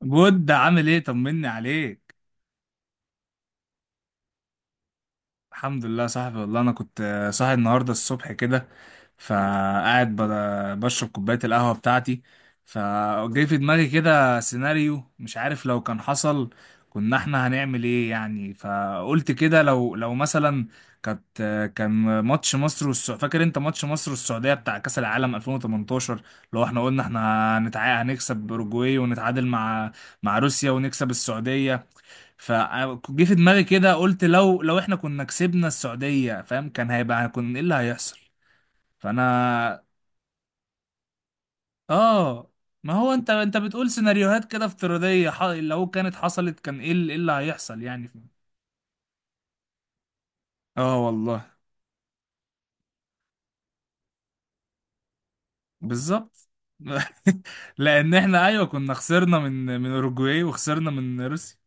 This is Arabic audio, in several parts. بود عامل ايه؟ طمني عليك. الحمد لله يا صاحبي، والله انا كنت صاحي النهارده الصبح كده. فقاعد بشرب كوبايه القهوه بتاعتي. فجاي في دماغي كده سيناريو، مش عارف لو كان حصل كنا احنا هنعمل ايه يعني. فقلت كده لو مثلا كان ماتش مصر والسعوديه، فاكر انت ماتش مصر والسعوديه بتاع كاس العالم 2018؟ لو احنا قلنا احنا هنكسب اوروجواي ونتعادل مع روسيا ونكسب السعوديه. فجه في دماغي كده، قلت لو احنا كنا كسبنا السعودية، فاهم؟ كان هيبقى كنا ايه اللي هيحصل؟ فانا اه ما هو انت بتقول سيناريوهات كده افتراضية، لو كانت حصلت كان ايه إيه اللي هيحصل يعني؟ اه والله، بالظبط. لان احنا ايوه كنا خسرنا من اوروجواي وخسرنا من روسيا.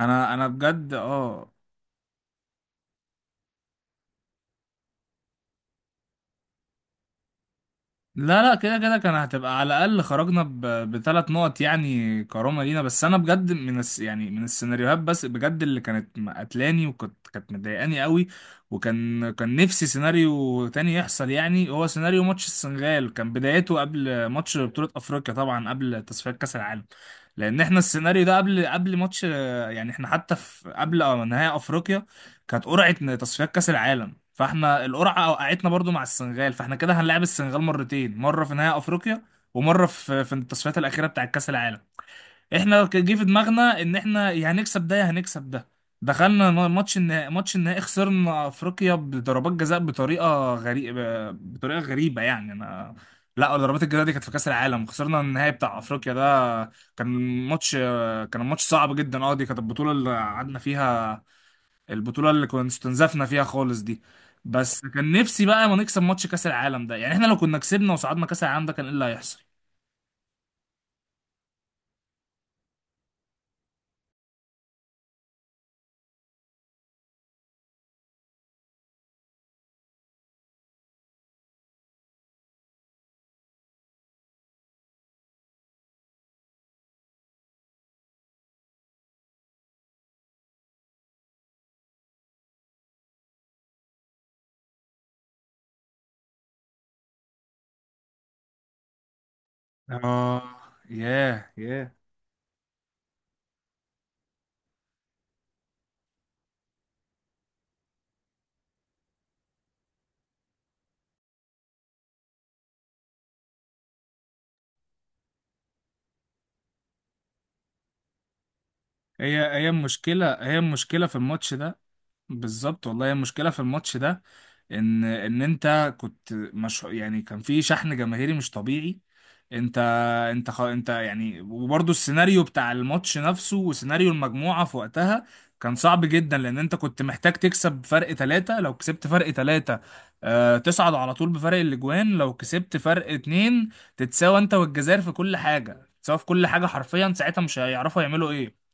انا بجد اه. لا لا، كده كده كان هتبقى على الأقل خرجنا ب3 نقط يعني، كرامة لينا. بس أنا بجد من يعني من السيناريوهات، بس بجد اللي كانت قتلاني وكانت مضايقاني قوي. وكان نفسي سيناريو تاني يحصل. يعني هو سيناريو ماتش السنغال كان بدايته قبل ماتش بطولة أفريقيا، طبعا قبل تصفيات كأس العالم. لأن احنا السيناريو ده قبل ماتش، يعني احنا حتى في قبل نهائي أفريقيا كانت قرعة تصفيات كأس العالم، فاحنا القرعه وقعتنا برضو مع السنغال، فاحنا كده هنلعب السنغال مرتين: مره في نهائي افريقيا، ومره في التصفيات الاخيره بتاع كاس العالم. احنا جه في دماغنا ان احنا يا هنكسب ده يا هنكسب ده. دخلنا ماتش النهائي. خسرنا افريقيا بضربات جزاء بطريقه غريبه، بطريقه غريبه يعني انا. لا، ضربات الجزاء دي كانت في كاس العالم. خسرنا النهائي بتاع افريقيا ده، كان ماتش كان ماتش صعب جدا. اه، دي كانت البطوله اللي قعدنا فيها، البطولة اللي كنا استنزفنا فيها خالص دي. بس كان نفسي بقى ما نكسب ماتش كأس العالم ده. يعني احنا لو كنا كسبنا وصعدنا كأس العالم ده، كان ايه اللي هيحصل؟ اه، ياه ياه. هي المشكلة، في الماتش ده. بالظبط والله، هي المشكلة في الماتش ده. ان انت كنت مش يعني، كان في شحن جماهيري مش طبيعي. انت انت يعني، وبرضه السيناريو بتاع الماتش نفسه وسيناريو المجموعة في وقتها كان صعب جدا. لان انت كنت محتاج تكسب فرق 3، لو كسبت فرق 3 تصعد على طول بفرق الاجوان. لو كسبت فرق 2 تتساوى انت والجزائر في كل حاجة، تتساوى في كل حاجة حرفيا، ساعتها مش هيعرفوا يعملوا ايه.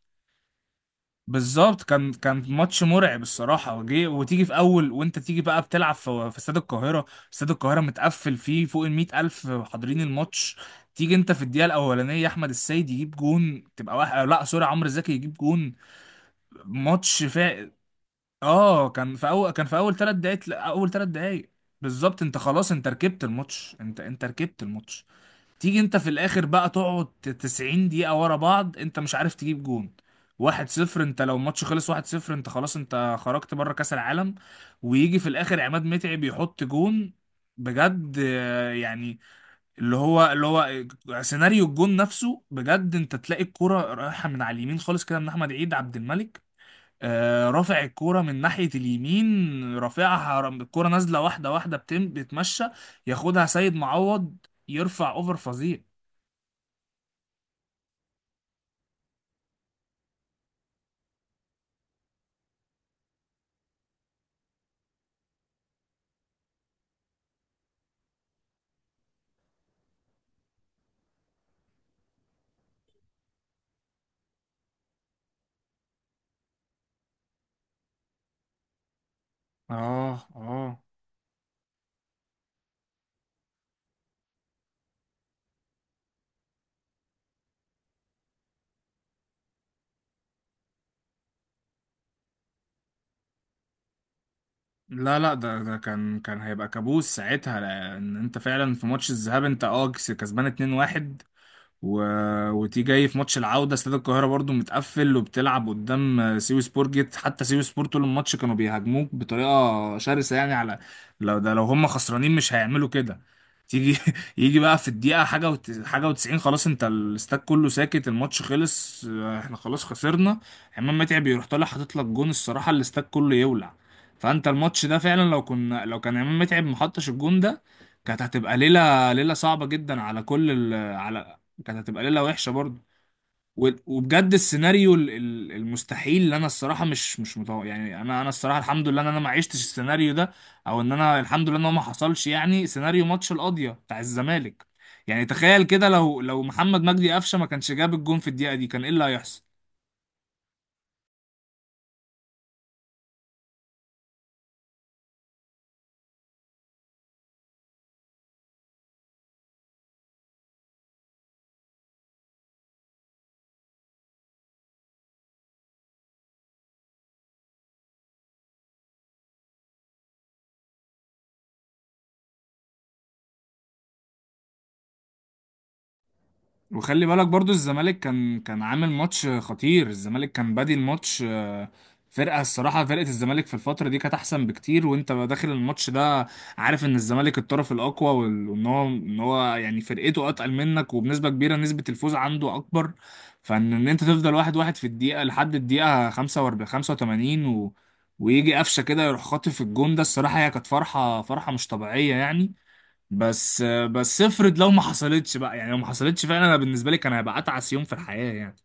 بالظبط، كان ماتش مرعب الصراحه. وتيجي في اول، وانت تيجي بقى بتلعب في استاد القاهره. استاد القاهره متقفل، فيه فوق ال 100,000 الف حاضرين الماتش. تيجي انت في الدقيقه الاولانيه، احمد السيد يجيب جون، تبقى واحد، لا سوري، عمرو زكي يجيب جون، ماتش فا اه، كان في اول 3 دقائق، اول 3 دقائق. بالظبط، انت خلاص، انت ركبت الماتش، انت ركبت الماتش. تيجي انت في الاخر بقى تقعد 90 دقيقة ورا بعض، انت مش عارف تجيب جون. 1-0، انت لو الماتش خلص 1-0، انت خلاص انت خرجت بره كأس العالم. ويجي في الاخر عماد متعب يحط جون. بجد يعني، اللي هو سيناريو الجون نفسه بجد. انت تلاقي الكرة رايحة من على اليمين خالص كده، من احمد عيد عبد الملك رافع الكرة من ناحية اليمين، رافعها، الكرة نازلة واحدة واحدة بتمشى، ياخدها سيد معوض يرفع اوفر فظيع. اه اه، لا لا، ده كان هيبقى كابوس ساعتها. لان انت فعلا في ماتش الذهاب انت كسبان 2-1، و... وتيجي جاي في ماتش العودة، استاد القاهرة برضو متقفل، وبتلعب قدام سيوي سبور جيت. حتى سيوي سبور طول الماتش كانوا بيهاجموك بطريقة شرسة يعني، على لو هم خسرانين مش هيعملوا كده. تيجي يجي بقى في الدقيقة حاجة حاجة وتسعين، خلاص انت الاستاد كله ساكت، الماتش خلص احنا خلاص خسرنا. عماد متعب يروح طالع حاطط لك جون، الصراحة الاستاد كله يولع. فانت الماتش ده فعلا لو كان عماد متعب محطش الجون ده، كانت هتبقى ليلة صعبة جدا على على. كانت هتبقى ليله وحشه برضه. وبجد السيناريو المستحيل اللي انا الصراحه مش متوقع يعني. انا الصراحه الحمد لله ان انا ما عشتش السيناريو ده، او ان انا الحمد لله ان هو ما حصلش. يعني سيناريو ماتش القاضيه بتاع الزمالك، يعني تخيل كده، لو محمد مجدي قفشه ما كانش جاب الجون في الدقيقه دي، كان ايه اللي هيحصل؟ وخلي بالك برضو، الزمالك كان عامل ماتش خطير، الزمالك كان بادي الماتش الصراحة فرقة الزمالك في الفترة دي كانت أحسن بكتير. وأنت بقى داخل الماتش ده عارف إن الزمالك الطرف الأقوى، وإن هو إن هو يعني فرقته أتقل منك، وبنسبة كبيرة، نسبة الفوز عنده أكبر. فإن أنت تفضل 1-1 في الدقيقة، لحد الدقيقة 45 85 ويجي قفشة كده يروح خاطف الجون ده، الصراحة هي كانت فرحة، فرحة مش طبيعية يعني. بس بس، افرض لو ما حصلتش بقى يعني، لو ما حصلتش فعلا، انا بالنسبه لي كان هيبقى اتعس يوم في الحياه يعني.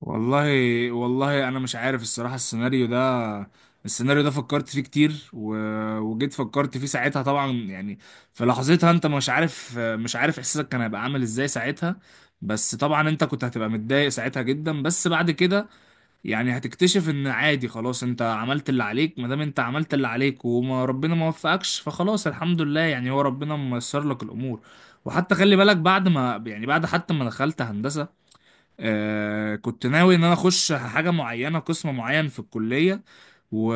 والله والله انا مش عارف الصراحه، السيناريو ده، فكرت فيه كتير، وجيت فكرت فيه ساعتها طبعا يعني، في لحظتها انت مش عارف احساسك كان هيبقى عامل ازاي ساعتها. بس طبعا انت كنت هتبقى متضايق ساعتها جدا. بس بعد كده يعني هتكتشف ان عادي خلاص، انت عملت اللي عليك، ما دام انت عملت اللي عليك وما ربنا ما وفقكش، فخلاص الحمد لله يعني، هو ربنا ميسر لك الامور. وحتى خلي بالك، بعد ما يعني، بعد حتى ما دخلت هندسة، كنت ناوي ان انا اخش حاجة معينة، قسم معين في الكلية، و...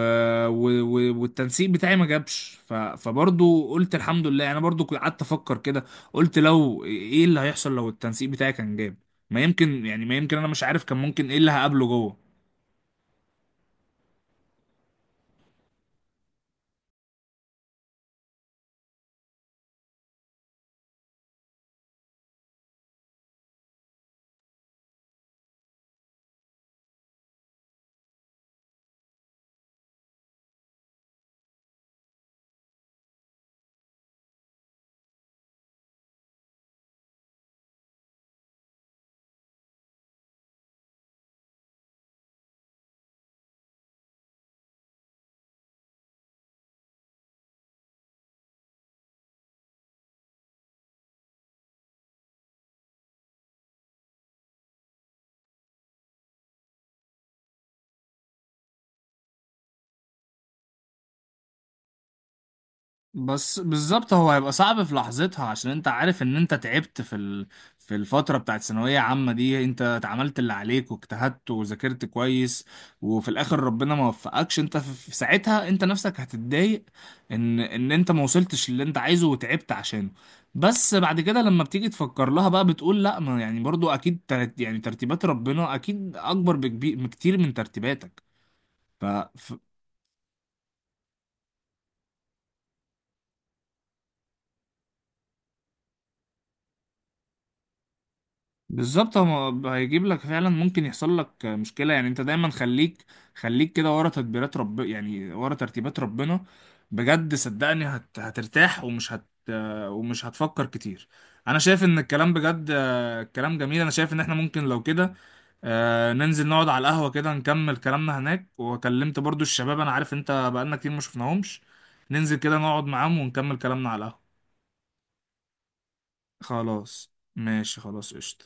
والتنسيق بتاعي ما جابش. فبرضو قلت الحمد لله. انا برضو كنت قعدت افكر كده، قلت لو ايه اللي هيحصل لو التنسيق بتاعي كان جاب، ما يمكن يعني، ما يمكن، انا مش عارف كان ممكن ايه اللي هقابله جوه. بس بالظبط، هو هيبقى صعب في لحظتها، عشان انت عارف ان انت تعبت في في الفترة بتاعت ثانوية عامة دي. انت اتعملت اللي عليك واجتهدت وذاكرت كويس، وفي الاخر ربنا ما وفقكش، انت في ساعتها انت نفسك هتتضايق ان انت ما وصلتش اللي انت عايزه وتعبت عشانه. بس بعد كده لما بتيجي تفكر لها بقى، بتقول لا، ما يعني برضو اكيد يعني ترتيبات ربنا اكيد اكبر، بكبير بكتير من ترتيباتك. ف... ف... بالظبط، هو هيجيب لك فعلا ممكن يحصل لك مشكلة يعني. انت دايما خليك، خليك كده ورا تدبيرات رب يعني ورا ترتيبات ربنا، بجد صدقني هترتاح، ومش هتفكر كتير. انا شايف ان الكلام، بجد الكلام جميل. انا شايف ان احنا ممكن لو كده ننزل نقعد على القهوة كده، نكمل كلامنا هناك. وكلمت برضو الشباب، انا عارف انت بقالنا كتير ما شفناهمش. ننزل كده نقعد معاهم ونكمل كلامنا على القهوة. خلاص ماشي، خلاص قشطة.